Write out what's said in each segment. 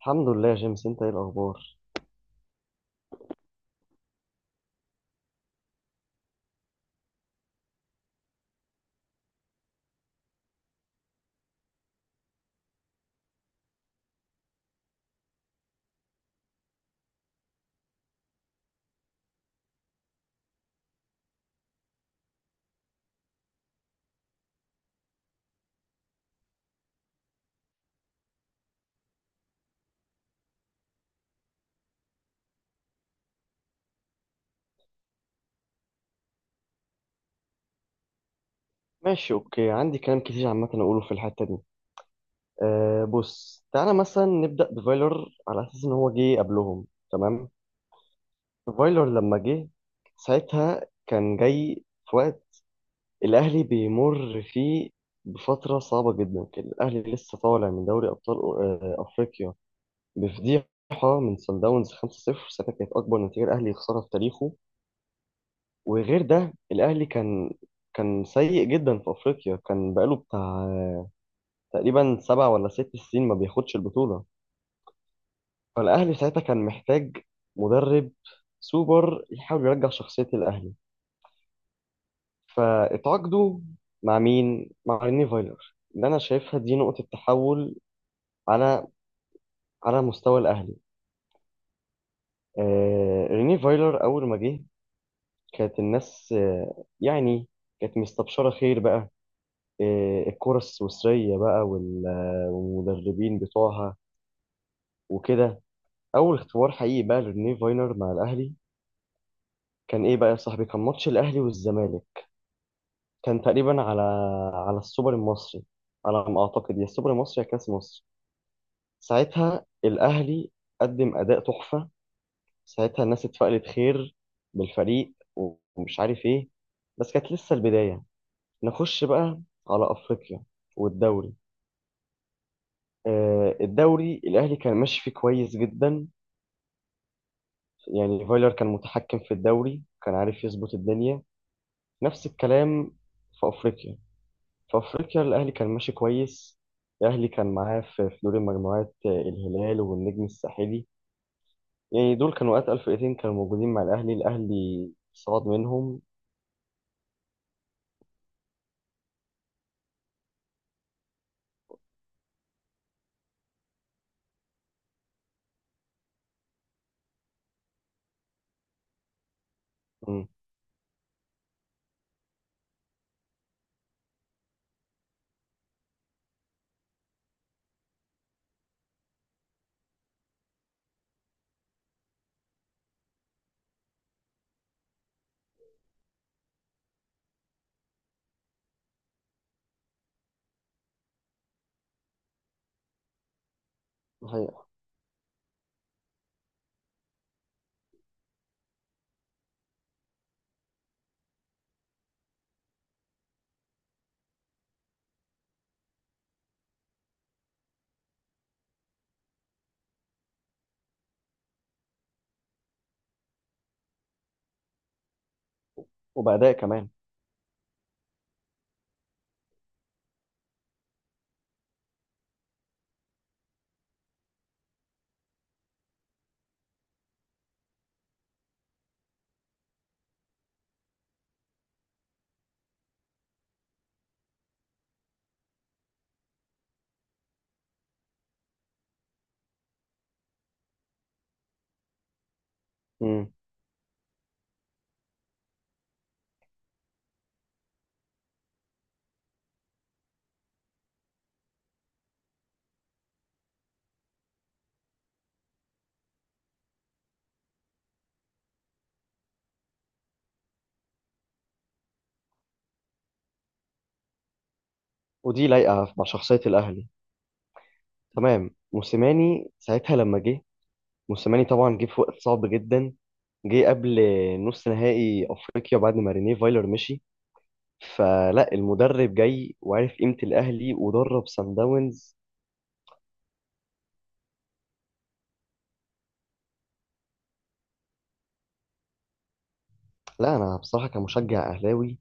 الحمد لله يا جيمس، انت ايه الاخبار؟ ماشي، اوكي. عندي كلام كتير عامه اقوله في الحته دي. بص تعالى مثلا نبدا بفايلر على اساس ان هو جه قبلهم، تمام. فايلر لما جه ساعتها كان جاي في وقت الأهلي بيمر فيه بفترة صعبة جدا. كان الأهلي لسه طالع من دوري أبطال أفريقيا بفضيحة من صن داونز 5-0. ساعتها كانت أكبر نتيجة الأهلي يخسرها في تاريخه. وغير ده الأهلي كان كان سيء جدا في أفريقيا، كان بقاله بتاع تقريبا 7 ولا 6 سنين ما بياخدش البطولة. فالأهلي ساعتها كان محتاج مدرب سوبر يحاول يرجع شخصية الأهلي. فاتعاقدوا مع مين؟ مع ريني فايلر، اللي انا شايفها دي نقطة تحول على على مستوى الاهلي. ريني فايلر اول ما جه كانت الناس يعني كانت مستبشرة خير بقى. الكرة السويسرية بقى والمدربين بتوعها وكده. اول اختبار حقيقي بقى لريني فايلر مع الاهلي كان ايه بقى يا صاحبي؟ كان ماتش الاهلي والزمالك، كان تقريبا على على السوبر المصري، على ما اعتقد، يا السوبر المصري يا كاس مصر. ساعتها الأهلي قدم أداء تحفة. ساعتها الناس اتفائلت خير بالفريق ومش عارف إيه، بس كانت لسه البداية. نخش بقى على أفريقيا والدوري. الدوري الأهلي كان ماشي فيه كويس جدا، يعني فايلر كان متحكم في الدوري، كان عارف يظبط الدنيا. نفس الكلام في أفريقيا. في أفريقيا الأهلي كان ماشي كويس. الأهلي كان معاه في في دور المجموعات الهلال والنجم الساحلي، يعني دول كانوا أتقل فرقتين كانوا موجودين مع الأهلي، الأهلي صعد منهم. مم. الحقيقة. وبأداء كمان. مم. ودي لايقة مع شخصية الأهلي. تمام. موسيماني ساعتها لما جه، موسيماني طبعا جه في وقت صعب جدا، جه قبل نص نهائي أفريقيا بعد ما رينيه فايلر مشي، فلا المدرب جاي وعارف قيمة الأهلي ودرب سان داونز. لا أنا بصراحة كمشجع أهلاوي،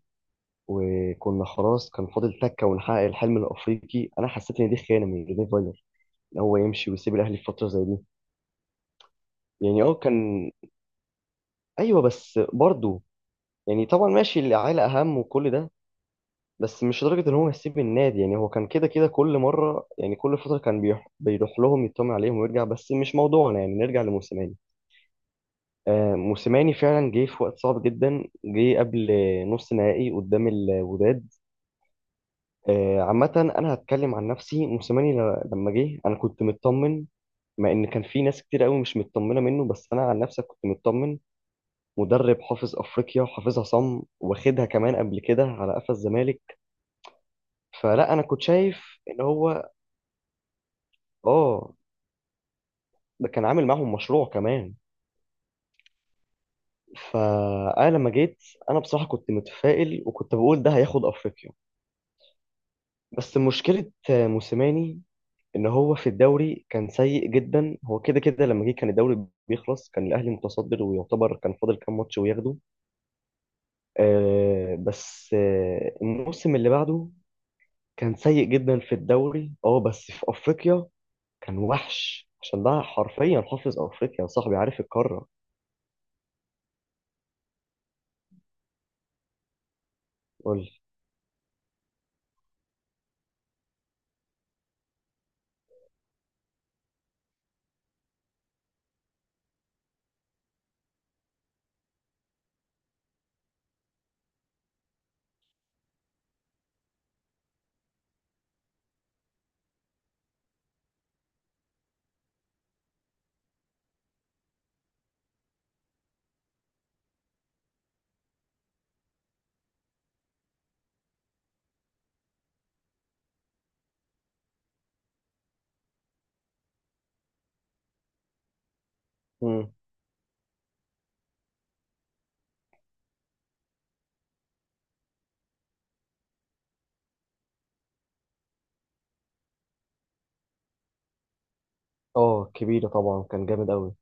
وكنا خلاص كان فاضل تكة ونحقق الحلم الأفريقي، أنا حسيت إن دي خيانة من رينيه فايلر ان هو يمشي ويسيب الاهلي في فتره زي دي. يعني كان، ايوه، بس برضه يعني طبعا ماشي، العيله اهم وكل ده، بس مش لدرجه ان هو يسيب النادي. يعني هو كان كده كده كل مره، يعني كل فتره كان بيروح بيروح لهم يطمن عليهم ويرجع. بس مش موضوعنا، يعني نرجع لموسيماني. موسيماني فعلا جه في وقت صعب جدا، جه قبل نص نهائي قدام الوداد. عامه انا هتكلم عن نفسي. موسيماني لما جه انا كنت مطمن، مع ان كان في ناس كتير قوي مش مطمنه منه، بس انا عن نفسي كنت مطمن. مدرب حافظ افريقيا وحافظها صم، واخدها كمان قبل كده على قفا الزمالك. فلا انا كنت شايف ان هو، اه ده كان عامل معاهم مشروع كمان. فانا لما جيت انا بصراحه كنت متفائل، وكنت بقول ده هياخد افريقيا. بس مشكله موسيماني ان هو في الدوري كان سيء جدا. هو كده كده لما جه كان الدوري بيخلص، كان الاهلي متصدر ويعتبر كان فاضل كام ماتش وياخده. بس الموسم اللي بعده كان سيء جدا في الدوري. اه بس في افريقيا كان وحش، عشان ده حرفيا حافظ افريقيا يا صاحبي، عارف القاره. قول لي. امم. اه كبيره طبعا، كان جامد قوي.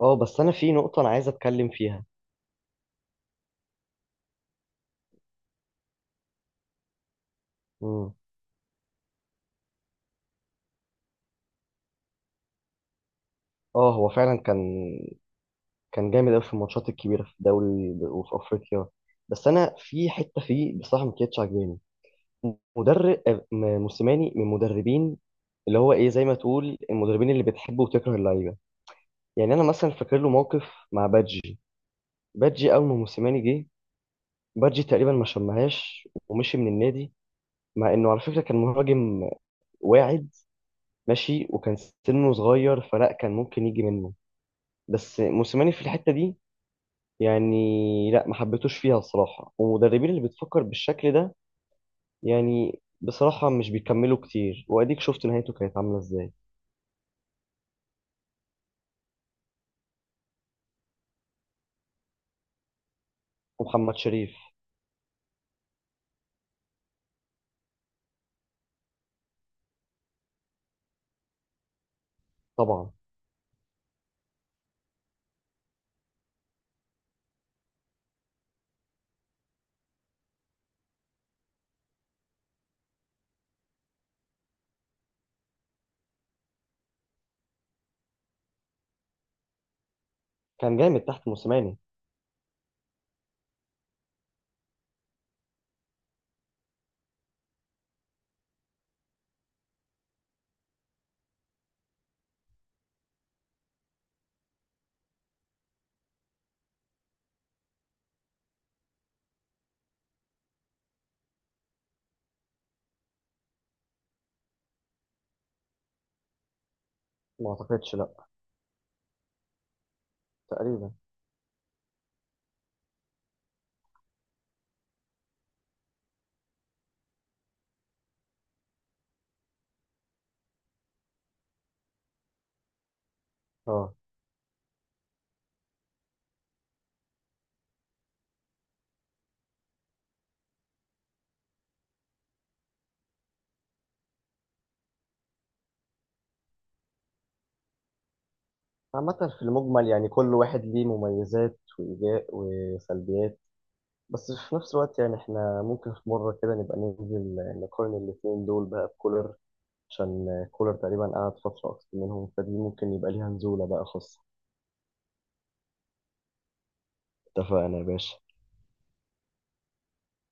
اه بس انا في نقطه انا عايز اتكلم فيها. امم. اه هو فعلا كان كان جامد قوي في الماتشات الكبيره في الدوري وفي افريقيا، بس انا في حته فيه بصراحه ما كانتش عاجباني. مدرب موسيماني من المدربين اللي هو ايه، زي ما تقول المدربين اللي بتحب وتكره اللعيبه. يعني انا مثلا فاكر له موقف مع بادجي. بادجي اول ما موسيماني جه، بادجي تقريبا ما شمهاش ومشي من النادي، مع انه على فكره كان مهاجم واعد، ماشي، وكان سنه صغير، فلا كان ممكن يجي منه. بس موسيماني في الحته دي، يعني لا، ما حبيتوش فيها الصراحه. والمدربين اللي بتفكر بالشكل ده يعني بصراحه مش بيكملوا كتير، واديك شفت نهايته كانت عامله ازاي. ومحمد شريف طبعا كان جامد تحت موسيماني. ما اعتقدش، لا. تقريبا. اه عامة في المجمل يعني كل واحد ليه مميزات وإيجاب وسلبيات، بس في نفس الوقت يعني احنا ممكن في مرة كده نبقى ننزل نقارن الاتنين دول بقى بكولر، عشان كولر تقريبا قعد فترة أكتر منهم، فدي ممكن يبقى ليها نزولة بقى خاصة. اتفقنا يا باشا.